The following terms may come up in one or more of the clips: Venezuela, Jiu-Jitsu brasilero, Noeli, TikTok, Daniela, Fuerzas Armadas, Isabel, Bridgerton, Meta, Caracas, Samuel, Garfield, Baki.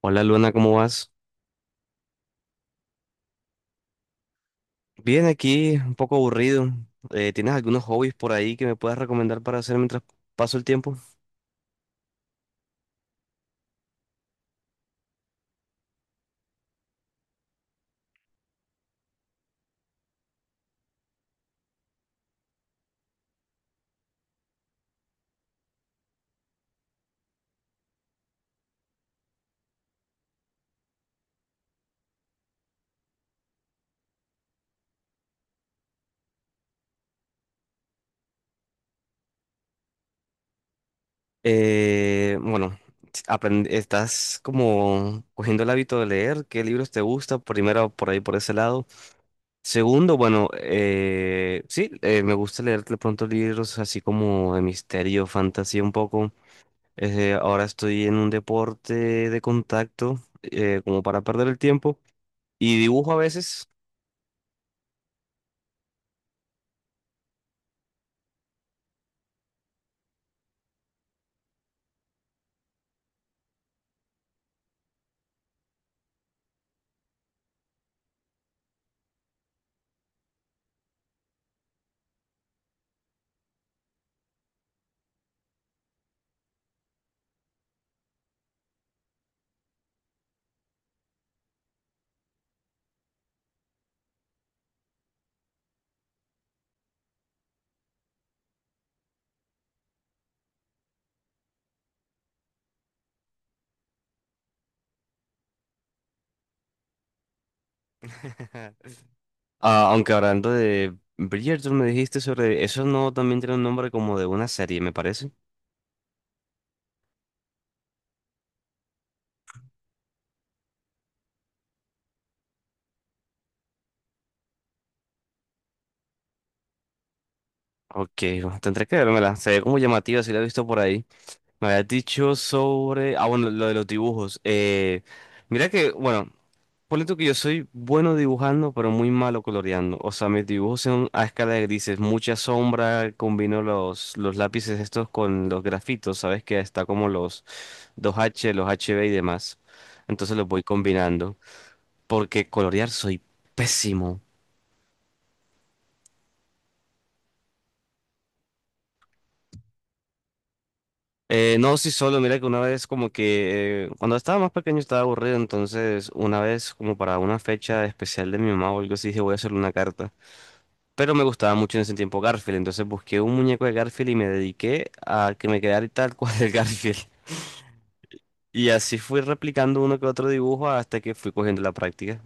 Hola Luna, ¿cómo vas? Bien, aquí un poco aburrido. ¿Tienes algunos hobbies por ahí que me puedas recomendar para hacer mientras paso el tiempo? Bueno, estás como cogiendo el hábito de leer, ¿qué libros te gusta? Primero, por ahí, por ese lado. Segundo, bueno, sí, me gusta leer de pronto libros así como de misterio, fantasía un poco. Ahora estoy en un deporte de contacto, como para perder el tiempo. Y dibujo a veces. Ah, aunque hablando de Bridgerton, me dijiste sobre eso, no también tiene un nombre como de una serie, me parece. Ok, bueno, tendré que vérmela. Se ve como llamativa, si la he visto por ahí. Me habías dicho sobre. Ah, bueno, lo de los dibujos. Mira que, bueno, ponle tú que yo soy bueno dibujando, pero muy malo coloreando. O sea, mis dibujos son a escala de grises, mucha sombra. Combino los lápices estos con los grafitos, ¿sabes? Que está como los dos h los HB y demás. Entonces los voy combinando, porque colorear soy pésimo. No, sí, solo, mira que una vez como que cuando estaba más pequeño estaba aburrido, entonces una vez como para una fecha especial de mi mamá o algo así dije voy a hacerle una carta. Pero me gustaba mucho en ese tiempo Garfield, entonces busqué un muñeco de Garfield y me dediqué a que me quedara tal cual el Garfield. Y así fui replicando uno que otro dibujo hasta que fui cogiendo la práctica.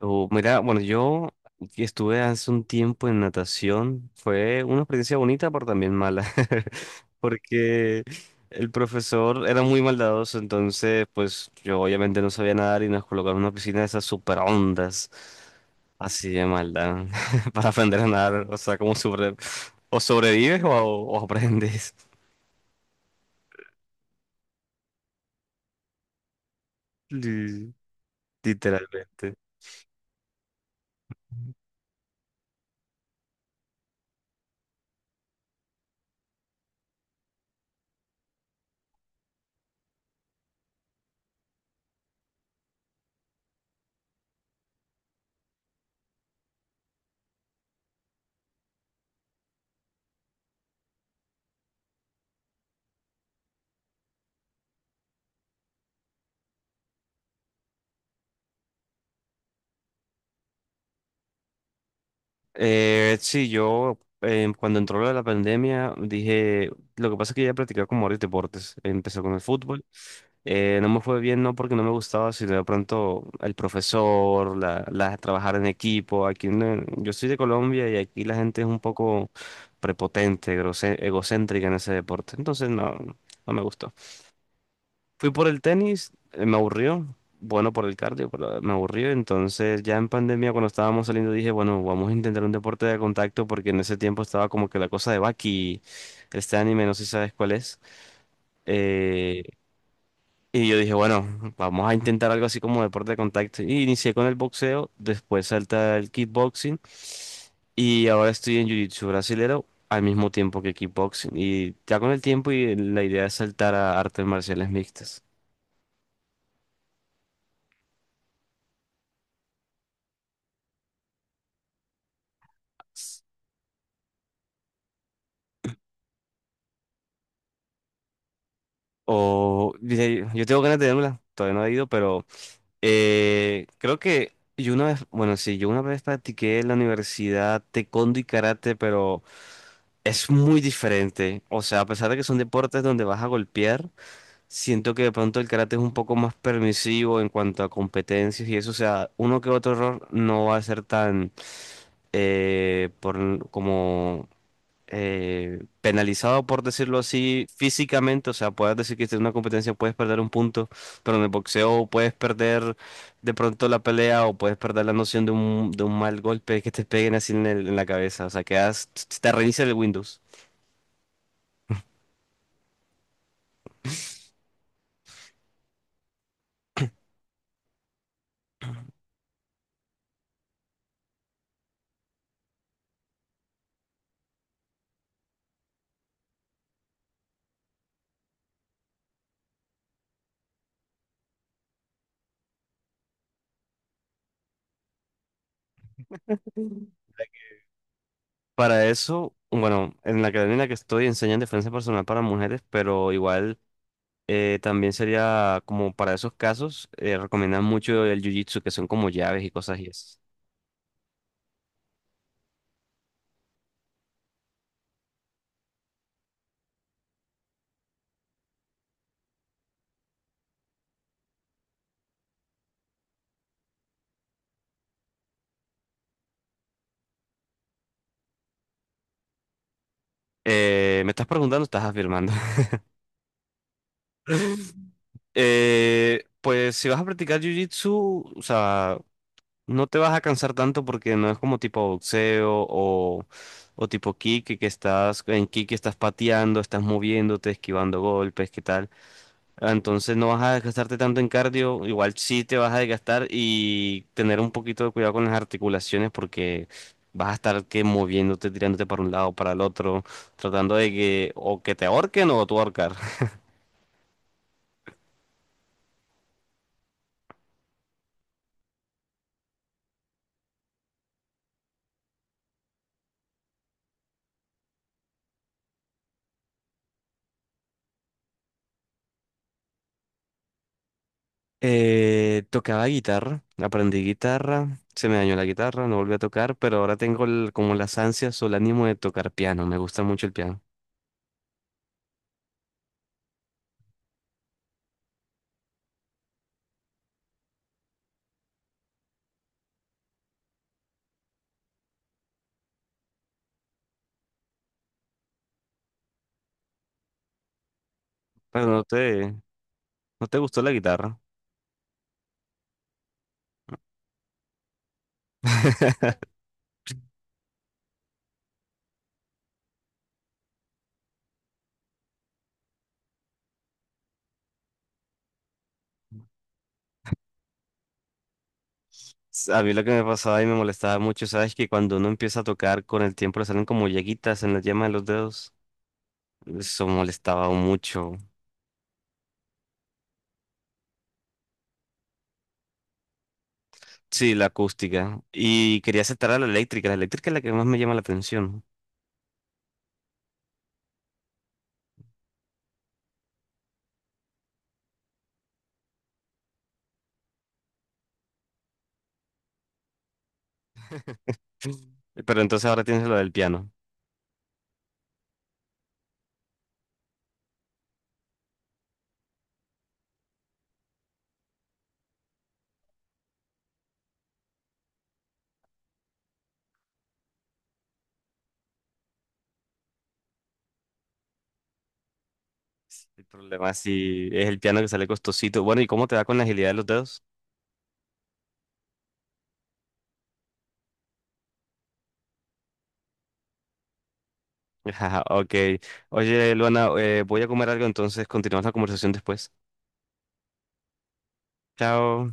O, mira, bueno, yo estuve hace un tiempo en natación. Fue una experiencia bonita, pero también mala. Porque el profesor era muy maldadoso, entonces, pues yo obviamente no sabía nadar y nos colocaron en una piscina de esas super ondas. Así de maldad. Para aprender a nadar, o sea, como sobre o sobrevives o aprendes. Li- Literalmente. Sí, yo cuando entró lo de la pandemia dije, lo que pasa es que ya practicaba como varios deportes. Empecé con el fútbol. No me fue bien, no porque no me gustaba, sino de pronto el profesor, trabajar en equipo. Aquí no- Yo soy de Colombia y aquí la gente es un poco prepotente, egocéntrica en ese deporte. Entonces no, no me gustó. Fui por el tenis, me aburrió. Bueno, por el cardio, pero me aburrió. Entonces, ya en pandemia, cuando estábamos saliendo, dije, bueno, vamos a intentar un deporte de contacto, porque en ese tiempo estaba como que la cosa de Baki, este anime, no sé si sabes cuál es. Eh, y yo dije, bueno, vamos a intentar algo así como deporte de contacto. Y inicié con el boxeo, después salta el kickboxing. Y ahora estoy en Jiu-Jitsu brasilero al mismo tiempo que kickboxing. Y ya con el tiempo, y la idea es saltar a artes marciales mixtas. O dice, yo tengo ganas de dármela, todavía no he ido, pero creo que yo una vez, bueno, sí, yo una vez practiqué en la universidad taekwondo y karate, pero es muy diferente. O sea, a pesar de que son deportes donde vas a golpear, siento que de pronto el karate es un poco más permisivo en cuanto a competencias y eso. O sea, uno que otro error no va a ser tan por, como penalizado, por decirlo así, físicamente. O sea, puedes decir que en una competencia puedes perder un punto, pero en el boxeo puedes perder de pronto la pelea o puedes perder la noción de un mal golpe que te peguen así en, en la cabeza. O sea, quedas, te reinicia el Windows. Para eso, bueno, en la academia en la que estoy enseñan defensa personal para mujeres, pero igual también sería como para esos casos. Recomiendan mucho el jiu-jitsu, que son como llaves y cosas y eso. Me estás preguntando, estás afirmando. Pues si vas a practicar jiu-jitsu, o sea, no te vas a cansar tanto porque no es como tipo boxeo o tipo kick, que estás en kick, estás pateando, estás moviéndote, esquivando golpes, ¿qué tal? Entonces no vas a desgastarte tanto en cardio, igual sí te vas a desgastar y tener un poquito de cuidado con las articulaciones porque vas a estar que moviéndote, tirándote para un lado, para el otro, tratando de que o que te ahorquen o tú ahorcar. Tocaba guitarra, aprendí guitarra, se me dañó la guitarra, no volví a tocar, pero ahora tengo como las ansias o el ánimo de tocar piano, me gusta mucho el piano. Pero no te, no te gustó la guitarra. A mí lo que me pasaba y me molestaba mucho, sabes que cuando uno empieza a tocar con el tiempo le salen como llaguitas en la yema de los dedos. Eso molestaba mucho. Sí, la acústica. Y quería aceptar a la eléctrica. La eléctrica es la que más me llama la atención. Pero entonces ahora tienes lo del piano. Pues el problema si es el piano, que sale costosito. Bueno, ¿y cómo te va con la agilidad de los dedos? Ajá, ok. Oye, Luana, voy a comer algo, entonces continuamos la conversación después. Chao.